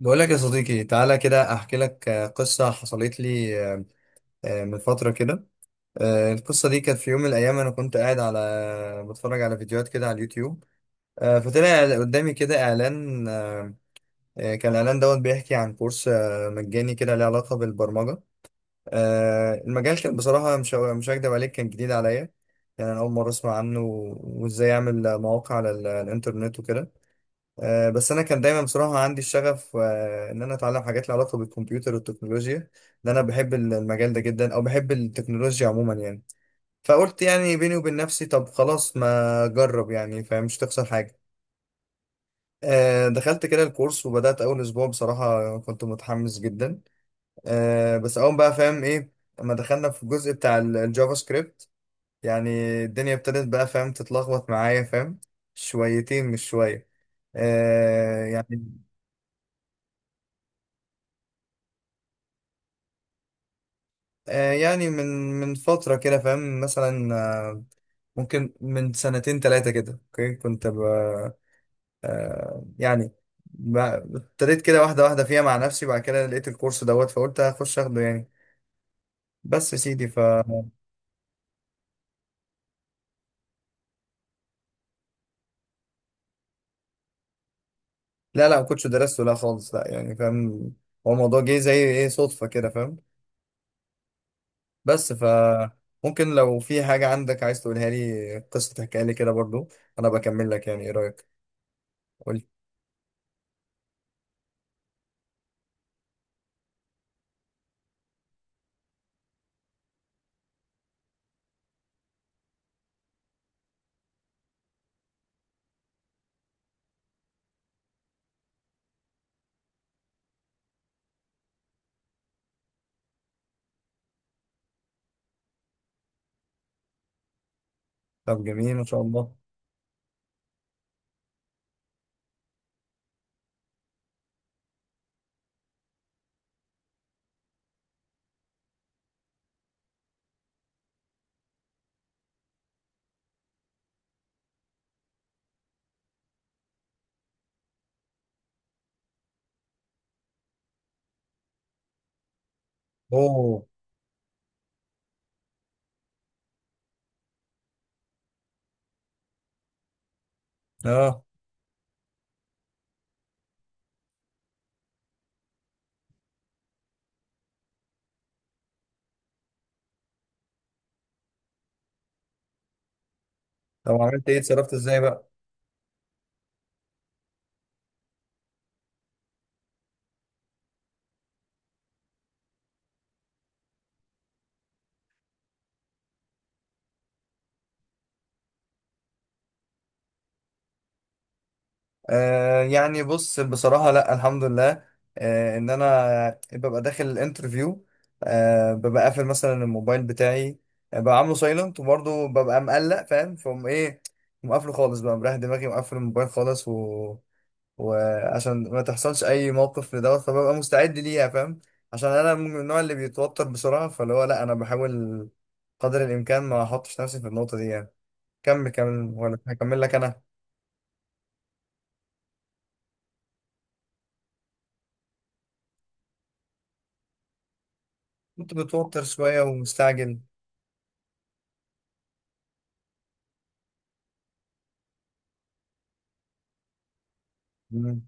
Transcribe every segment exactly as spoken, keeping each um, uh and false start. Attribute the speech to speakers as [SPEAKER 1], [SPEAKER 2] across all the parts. [SPEAKER 1] بقول لك يا صديقي، تعالى كده احكي لك، آه، قصة حصلت لي آه، آه، من فترة كده. آه، القصة دي كانت في يوم من الايام، انا كنت قاعد على بتفرج على فيديوهات كده على اليوتيوب. آه، فطلع قدامي كده اعلان. آه، آه، كان الاعلان دوت بيحكي عن كورس آه، مجاني كده له علاقة بالبرمجة. آه، المجال كان بصراحة مش مش هكدب عليك، كان جديد عليا، يعني انا اول مرة اسمع عنه، وازاي اعمل مواقع على ال- الانترنت وكده. آه، بس انا كان دايما بصراحه عندي الشغف آه، ان انا اتعلم حاجات لها علاقه بالكمبيوتر والتكنولوجيا، لان انا بحب المجال ده جدا، او بحب التكنولوجيا عموما يعني. فقلت يعني بيني وبين نفسي، طب خلاص ما اجرب يعني، فمش تخسر حاجه. آه، دخلت كده الكورس وبدات. اول اسبوع بصراحه كنت متحمس جدا. آه، بس اول بقى فاهم ايه، لما دخلنا في الجزء بتاع ال- الجافا سكريبت يعني، الدنيا ابتدت بقى فاهم تتلخبط معايا فاهم شويتين مش شويه. آه، يعني آه، يعني من من فترة كده فاهم، مثلا آه، ممكن من سنتين تلاتة كده. اوكي، كنت ب... آه، يعني ب- ابتديت كده واحدة واحدة فيها مع نفسي. بعد كده لقيت الكورس دوت، فقلت هخش اخده يعني. بس يا سيدي ف... لا لا، ما كنتش درسته، لا خالص، لا يعني فاهم. هو الموضوع جه زي ايه، صدفة كده فاهم. بس ف... ممكن لو في حاجة عندك عايز تقولها لي، قصة تحكيها لي كده برضو. أنا بكمل لك، يعني إيه رأيك؟ قول. طب جميل ما شاء الله. أوه. آه. طب عملت ايه، اتصرفت ازاي بقى؟ آه يعني بص، بصراحة لا الحمد لله، آه ان انا ببقى داخل الانترفيو، آه ببقى قافل مثلا الموبايل بتاعي، آه، ببقى عامله سايلنت، وبرضه ببقى مقلق فاهم، فقوم ايه، مقفله خالص بقى، مريح دماغي، مقفل الموبايل خالص، و... وعشان ما تحصلش اي موقف لدوت، فببقى مستعد ليها فاهم. عشان انا من النوع اللي بيتوتر بسرعة، فاللي هو لا انا بحاول قدر الامكان ما احطش نفسي في النقطة دي يعني. كمل كمل، ولا هكمل لك انا؟ كنت متوتر شوية ومستعجل. مم.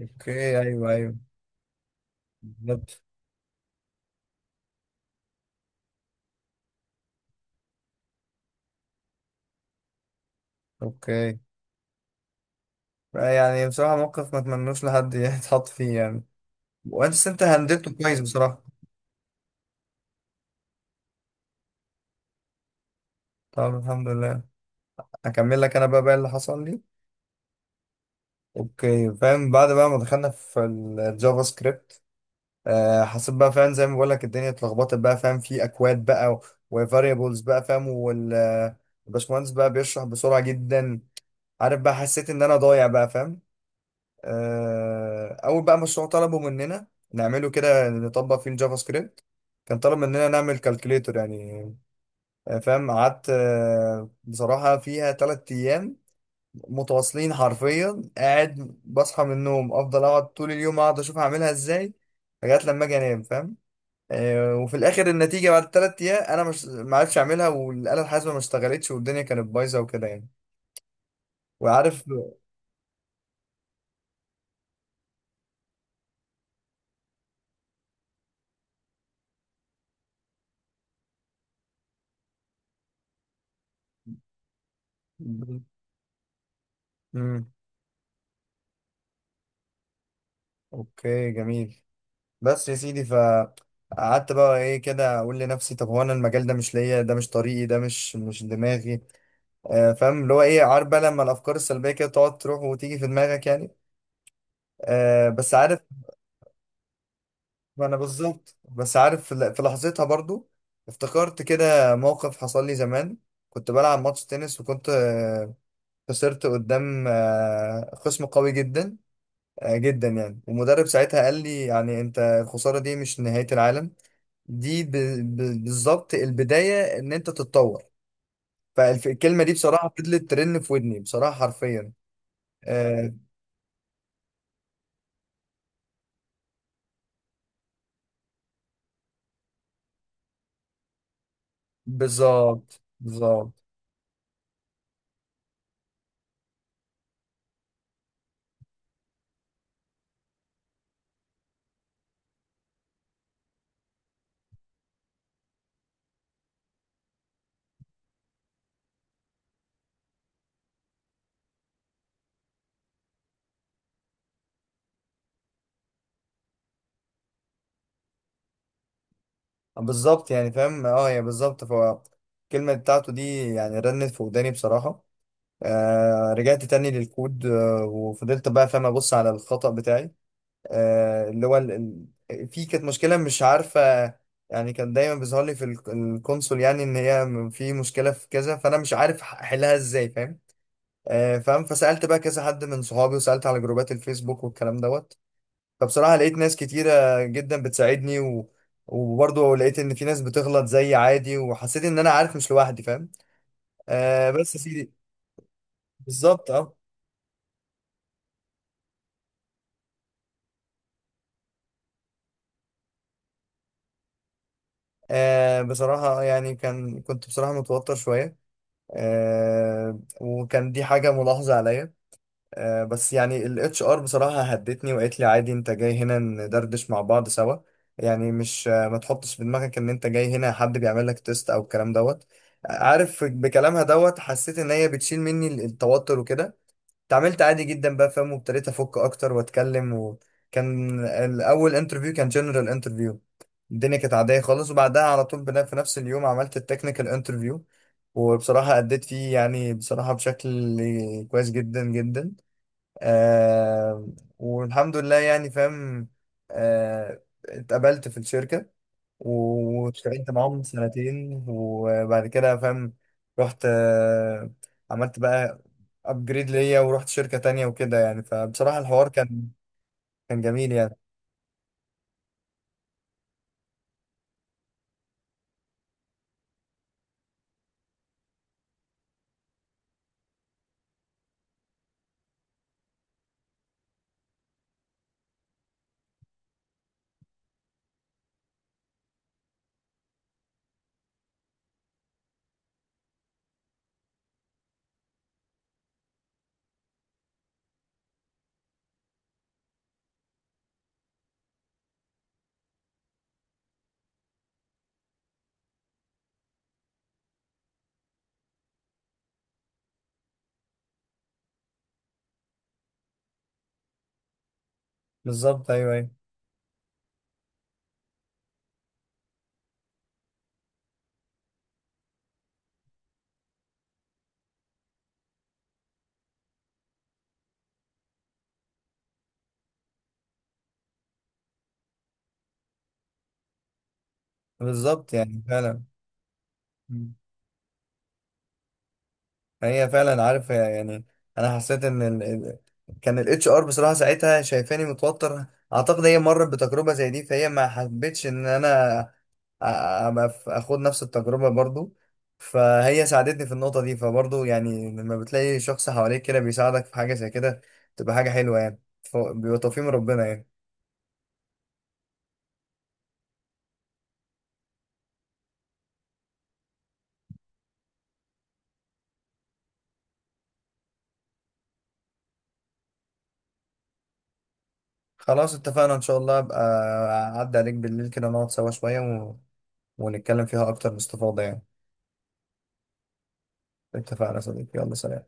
[SPEAKER 1] اوكي، ايوه ايوه، بالظبط. اوكي، يعني بصراحة موقف ما اتمنوش لحد يتحط فيه يعني. وانت انت هندلته كويس بصراحة. طب الحمد لله. هكمل لك انا بقى بقى اللي حصل لي. اوكي فاهم. بعد بقى ما دخلنا في الجافا سكريبت، آه حسيت بقى فاهم، زي ما بقول لك الدنيا اتلخبطت بقى فاهم، في اكواد بقى، وفاريبلز بقى فاهم، وال الباشمهندس بقى بيشرح بسرعة جدا، عارف بقى، حسيت ان انا ضايع بقى فاهم. آه، اول بقى مشروع طلبوا مننا نعمله كده، نطبق فيه الجافا سكريبت، كان طلب مننا نعمل كالكوليتور يعني. آه، فاهم قعدت آه، بصراحة فيها تلات ايام متواصلين، حرفيا قاعد بصحى من النوم افضل اقعد طول اليوم، اقعد اشوف هعملها ازاي لغاية لما اجي انام فاهم. آه، وفي الاخر النتيجة بعد التلات ايام، انا مش ما عرفتش اعملها، والآلة الحاسبة ما اشتغلتش، والدنيا كانت بايظة وكده يعني. وعارف. مم. اوكي جميل. بس يا سيدي، فقعدت بقى ايه كده اقول لنفسي، طب هو انا المجال ده مش ليا، ده مش طريقي، ده مش مش دماغي. آه فاهم، اللي هو ايه، عارف بقى لما الافكار السلبيه كده تقعد تروح وتيجي في دماغك يعني. آه بس عارف، ما انا بالظبط، بس عارف في ل- في لحظتها برضو افتكرت كده موقف حصل لي زمان. كنت بلعب ماتش تنس، وكنت آه خسرت قدام آه خصم قوي جدا، آه، جدا يعني. ومدرب ساعتها قال لي يعني، انت الخسارة دي مش نهاية العالم، دي ب... ب... بالظبط البداية ان انت تتطور. فالكلمة دي بصراحة فضلت ترن في ودني بصراحة حرفيا. آه بالظبط بالظبط. بالظبط يعني فاهم، اه هي بالظبط، فالكلمة بتاعته دي يعني رنت في وداني بصراحة. آه رجعت تاني للكود، آه وفضلت بقى فاهم ابص على الخطأ بتاعي، آه، اللي هو ال... ال- في كانت مشكلة مش عارفة يعني، كان دايما بيظهر لي في الك- الكونسول يعني ان هي م- في مشكلة في كذا، فانا مش عارف أح- احلها ازاي فاهم. آه، فاهم، فسألت بقى كذا حد من صحابي، وسألت على جروبات الفيسبوك والكلام دوت، فبصراحة لقيت ناس كتيرة جدا بتساعدني و... وبرضه لقيت ان في ناس بتغلط زي عادي، وحسيت ان انا عارف مش لوحدي فاهم. آه بس يا سيدي. بالظبط اه. آه، بصراحة يعني كان كنت بصراحة متوتر شوية، آه وكان دي حاجة ملاحظة عليا. آه بس يعني ال اتش ار بصراحة هدتني وقالت لي عادي، انت جاي هنا ندردش مع بعض سوا، يعني مش آه ما تحطش في دماغك ان انت جاي هنا حد بيعمل لك تيست او الكلام دوت. عارف بكلامها دوت حسيت ان هي بتشيل مني ال- التوتر وكده. اتعاملت عادي جدا بقى فاهم، وابتديت افك اكتر واتكلم. وكان الاول انترفيو كان جنرال انترفيو، الدنيا كانت عاديه خالص. وبعدها على طول بنا- في نفس اليوم عملت التكنيكال انترفيو، وبصراحه اديت فيه يعني بصراحه بشكل كويس جدا جدا. آه والحمد لله يعني فاهم. آه اتقبلت في الشركه، واشتغلت معاهم سنتين، وبعد كده فاهم رحت، آه، عملت بقى ابجريد ليا، ورحت شركة تانية وكده يعني. فبصراحة الحوار كان كان جميل يعني. بالظبط ايوه ايوه. بالظبط يعني فعلا. هي فعلا عارف يعني، انا حسيت ان ال... ال- كان الاتش ار بصراحه ساعتها شايفاني متوتر، اعتقد هي مرت بتجربه زي دي، فهي ما حبتش ان انا أ- أبقى في- اخد نفس التجربه برضو. فهي ساعدتني في النقطه دي، فبرضو يعني لما بتلاقي شخص حواليك كده بيساعدك في حاجه زي كده، تبقى حاجه حلوه يعني. ف- بيبقى توفيق من ربنا يعني. خلاص اتفقنا ان شاء الله، ابقى اعدي عليك بالليل كده، نقعد سوا شويه و... ونتكلم فيها اكتر باستفاضه يعني. اتفقنا يا صديقي، يلا سلام.